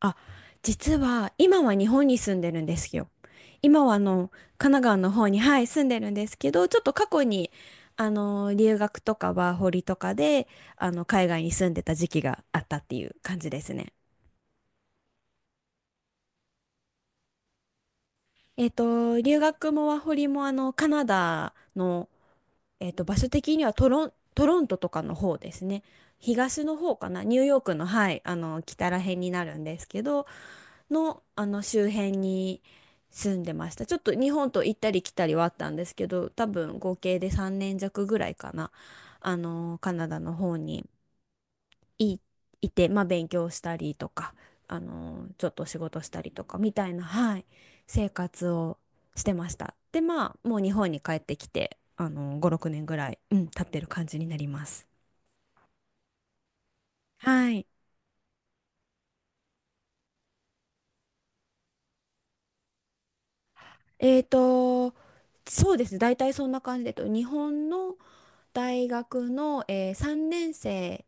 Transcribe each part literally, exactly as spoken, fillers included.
あ、実は今は日本に住んでるんですよ。今はあの神奈川の方に、はい、住んでるんですけど、ちょっと過去にあの留学とかワーホリとかであの海外に住んでた時期があったっていう感じですね。えっと、留学もワーホリもあのカナダの、えっと、場所的にはトロン、トロントとかの方ですね。東の方かな、ニューヨークの、はい、あの北ら辺になるんですけど、の、あの周辺に住んでました。ちょっと日本と行ったり来たりはあったんですけど、多分合計でさんねん弱ぐらいかな、あのカナダの方にい、いて、まあ、勉強したりとか、あのちょっと仕事したりとかみたいな、はい、生活をしてました。で、まあ、もう日本に帰ってきて、あのご、ろくねんぐらい、うん、経ってる感じになります。はい。えーと、そうですね。大体そんな感じで、えっと日本の大学の、えーさんねん生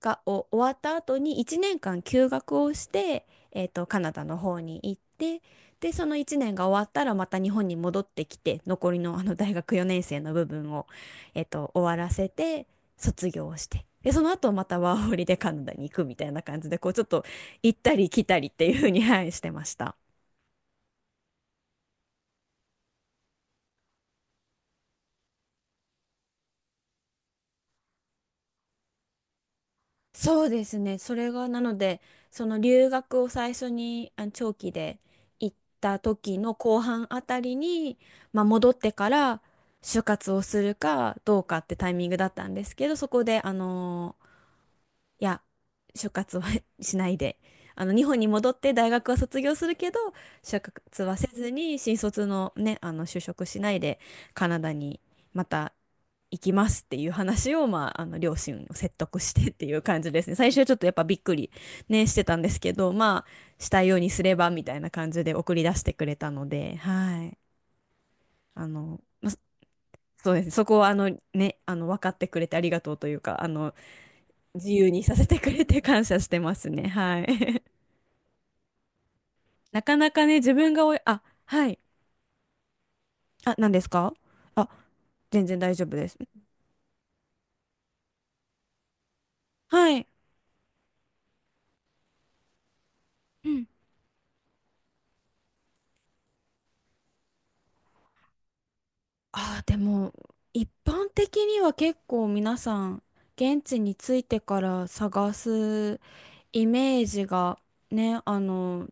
がお終わった後にいちねんかん休学をして、えーと、カナダの方に行って、で、そのいちねんが終わったらまた日本に戻ってきて、残りのあの大学よねん生の部分を、えーと、終わらせて、卒業をして。で、その後またワーホリでカナダに行くみたいな感じで、こうちょっと行ったり来たりっていうふうに、はい、してました。そうですね。それが、なので、その留学を最初にあ長期で行った時の後半あたりに、まあ、戻ってから就活をするかどうかってタイミングだったんですけど、そこで、あのーいや、就活は しないで、あの、日本に戻って大学は卒業するけど、就活はせずに、新卒のね、あの、就職しないで、カナダにまた行きますっていう話を、まあ、あの両親を説得してっていう感じですね。最初はちょっとやっぱびっくり、ね、してたんですけど、まあしたいようにすればみたいな感じで送り出してくれたので、はい、あの、まあそうですね。そこはあの、ね、あの分かってくれてありがとうというか、あの自由にさせてくれて感謝してますね。はい。 なかなかね、自分がおいあ、はい。あ、何ですか？あ、全然大丈夫です。はい。うん。ああ、でも、一般的には結構皆さん、現地に着いてから探すイメージがね、あの、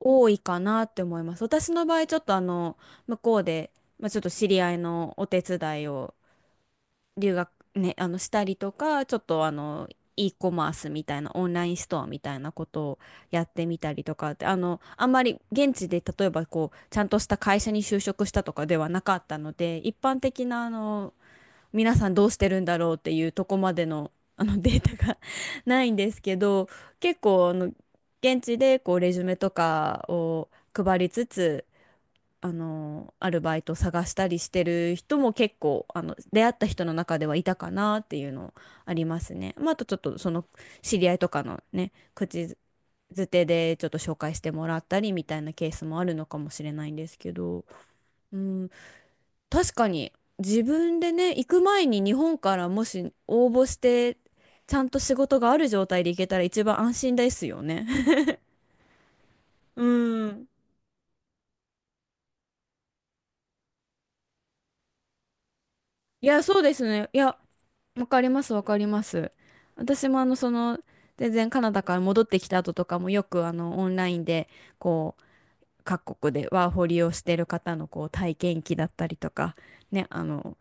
多いかなって思います。私の場合、ちょっとあの、向こうで、まあ、ちょっと知り合いのお手伝いを留学ね、あのしたりとか、ちょっとあの、e コマースみたいなオンラインストアみたいなことをやってみたりとかって、あのあんまり現地で例えばこうちゃんとした会社に就職したとかではなかったので、一般的なあの皆さんどうしてるんだろうっていうとこまでの、あのデータが ないんですけど、結構あの現地でこうレジュメとかを配りつつ、あのアルバイト探したりしてる人も結構あの出会った人の中ではいたかなっていうのありますね。まあ、あとちょっとその知り合いとかのね、口づてでちょっと紹介してもらったりみたいなケースもあるのかもしれないんですけど、うん、確かに自分でね行く前に日本からもし応募してちゃんと仕事がある状態で行けたら一番安心ですよね。うん。いや、そうですね。いや、わかります、わかります。私もあの、その、全然カナダから戻ってきた後とかもよくあの、オンラインで、こう、各国でワーホリをしてる方のこう体験記だったりとか、ね、あの、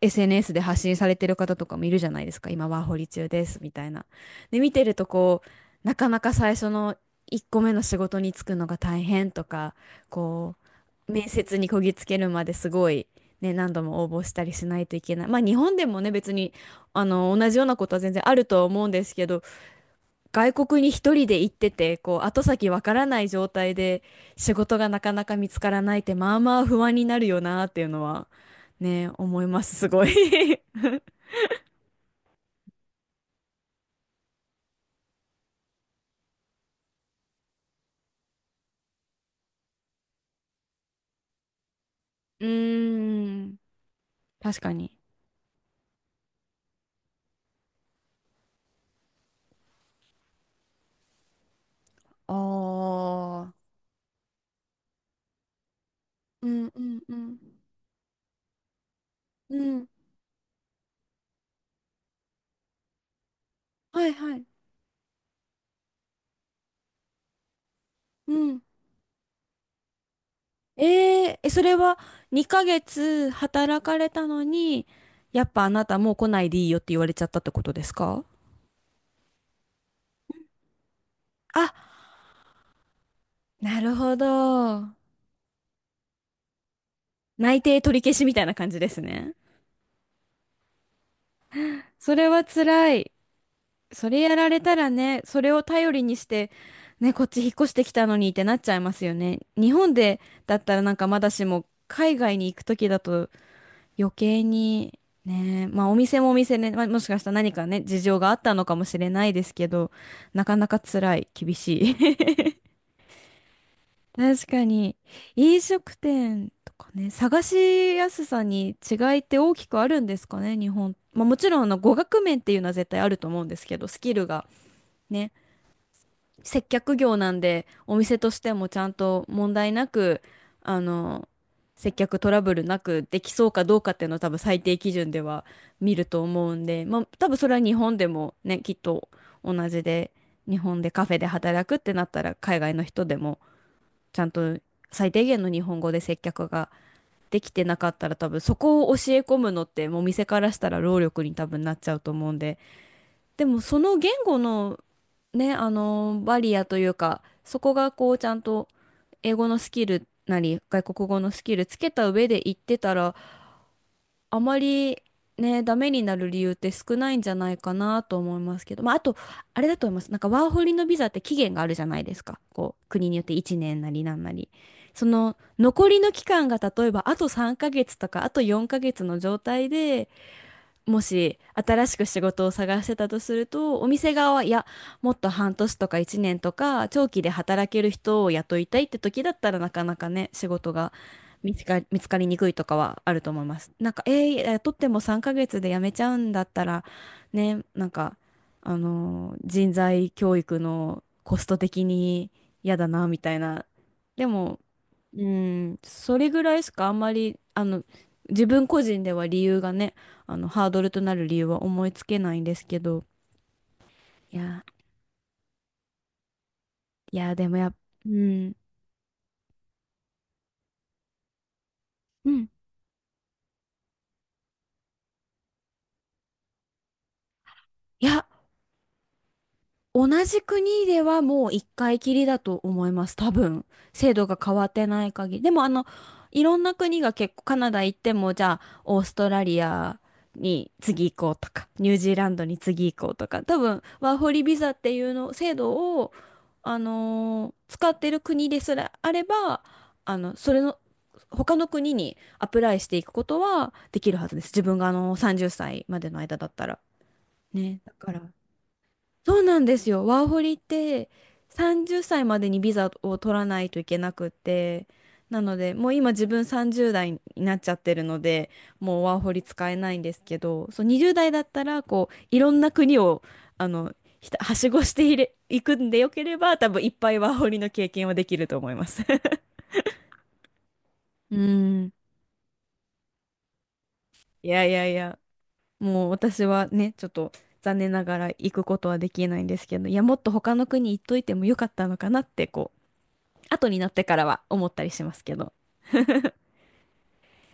エスエヌエス で発信されてる方とかもいるじゃないですか。今ワーホリ中ですみたいな。で、見てるとこう、なかなか最初のいっこめの仕事に就くのが大変とか、こう、面接にこぎつけるまですごい、ね、何度も応募したりしないといけない。まあ日本でもね、別に、あの、同じようなことは全然あるとは思うんですけど、外国に一人で行ってて、こう、後先わからない状態で仕事がなかなか見つからないって、まあまあ不安になるよなっていうのは、ね、思います、すごい。 うーん、確かに。ああ、うんうんうん。うん、はいはい。うん。えー、え、それはにかげつ働かれたのに、やっぱあなたもう来ないでいいよって言われちゃったってことですか？あ、なるほど。内定取り消しみたいな感じですね。それは辛い。それやられたらね、それを頼りにして、ね、こっち引っ越してきたのにってなっちゃいますよね。日本でだったらなんかまだしも、海外に行くときだと余計に、ね、まあお店もお店ね、まあ、もしかしたら何かね、事情があったのかもしれないですけど、なかなか辛い、厳しい。確かに、飲食店とかね、探しやすさに違いって大きくあるんですかね、日本。まあ、もちろんあの語学面っていうのは絶対あると思うんですけど、スキルがね、接客業なんで、お店としてもちゃんと問題なく、あの、接客トラブルなくできそうかどうかっていうのは多分最低基準では見ると思うんで、まあ、多分それは日本でもね、きっと同じで、日本でカフェで働くってなったら海外の人でも。ちゃんと最低限の日本語で接客ができてなかったら多分そこを教え込むのってもう店からしたら労力に多分なっちゃうと思うんで、でもその言語のね、あのバリアというか、そこがこうちゃんと英語のスキルなり外国語のスキルつけた上で行ってたら、あまりね、ダメになる理由って少ないんじゃないかなと思いますけど、まあ、あと、あれだと思います。なんかワーホリのビザって期限があるじゃないですか。こう、国によっていちねんなりなんなり。その残りの期間が例えばあとさんかげつとかあとよんかげつの状態でもし新しく仕事を探してたとすると、お店側は、いや、もっとはんとしとかいちねんとか、長期で働ける人を雇いたいって時だったらなかなかね、仕事が見つか、見つかりにくいとかはあると思います。なんか、えー、雇ってもさんかげつで辞めちゃうんだったら、ね、なんか、あのー人材教育のコスト的に嫌だな、みたいな。でも、うん、それぐらいしかあんまり、あの、自分個人では理由がね、あの、ハードルとなる理由は思いつけないんですけど、いや、いや、でもやっ、うん、うん、いや、同じ国ではもう一回きりだと思います。多分。制度が変わってない限り。でもあの、いろんな国が結構カナダ行っても、じゃあ、オーストラリアに次行こうとか、ニュージーランドに次行こうとか、多分、ワーホリビザっていうの、制度を、あのー使ってる国ですらあれば、あの、それの、他の国にアプライしていくことはできるはずです。自分があの、さんじゅっさいまでの間だったら。ね。だから、そうなんですよ。ワーホリってさんじゅっさいまでにビザを取らないといけなくって、なので、もう今自分さんじゅう代になっちゃってるので、もうワーホリ使えないんですけど、そうにじゅう代だったら、こう、いろんな国を、あの、ひたはしごしていれ、いくんでよければ、多分いっぱいワーホリの経験はできると思います。うん。いやいやいや、もう私はね、ちょっと残念ながら行くことはできないんですけど、いや、もっと他の国行っといてもよかったのかなって、こう、後になってからは思ったりしますけど、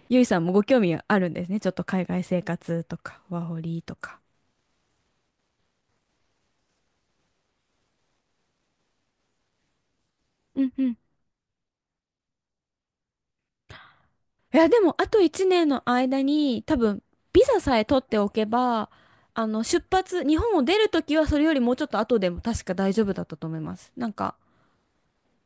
ゆいさんもご興味あるんですね。ちょっと海外生活とか、ワーホリとか。うんうん。いや、でも、あといちねんの間に、多分、ビザさえ取っておけば、あの、出発、日本を出るときは、それよりもうちょっと後でも確か大丈夫だったと思います。なんか、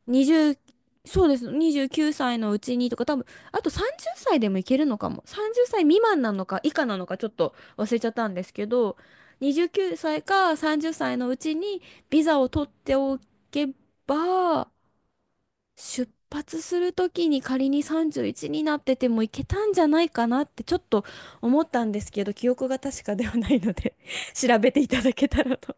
にじゅう、そうです。にじゅうきゅうさいのうちにとか、多分、あとさんじゅっさいでもいけるのかも。さんじゅっさい未満なのか以下なのかちょっと忘れちゃったんですけど、にじゅうきゅうさいかさんじゅっさいのうちにビザを取っておけば、出発するときに仮にさんじゅういちになっててもいけたんじゃないかなってちょっと思ったんですけど、記憶が確かではないので 調べていただけたらと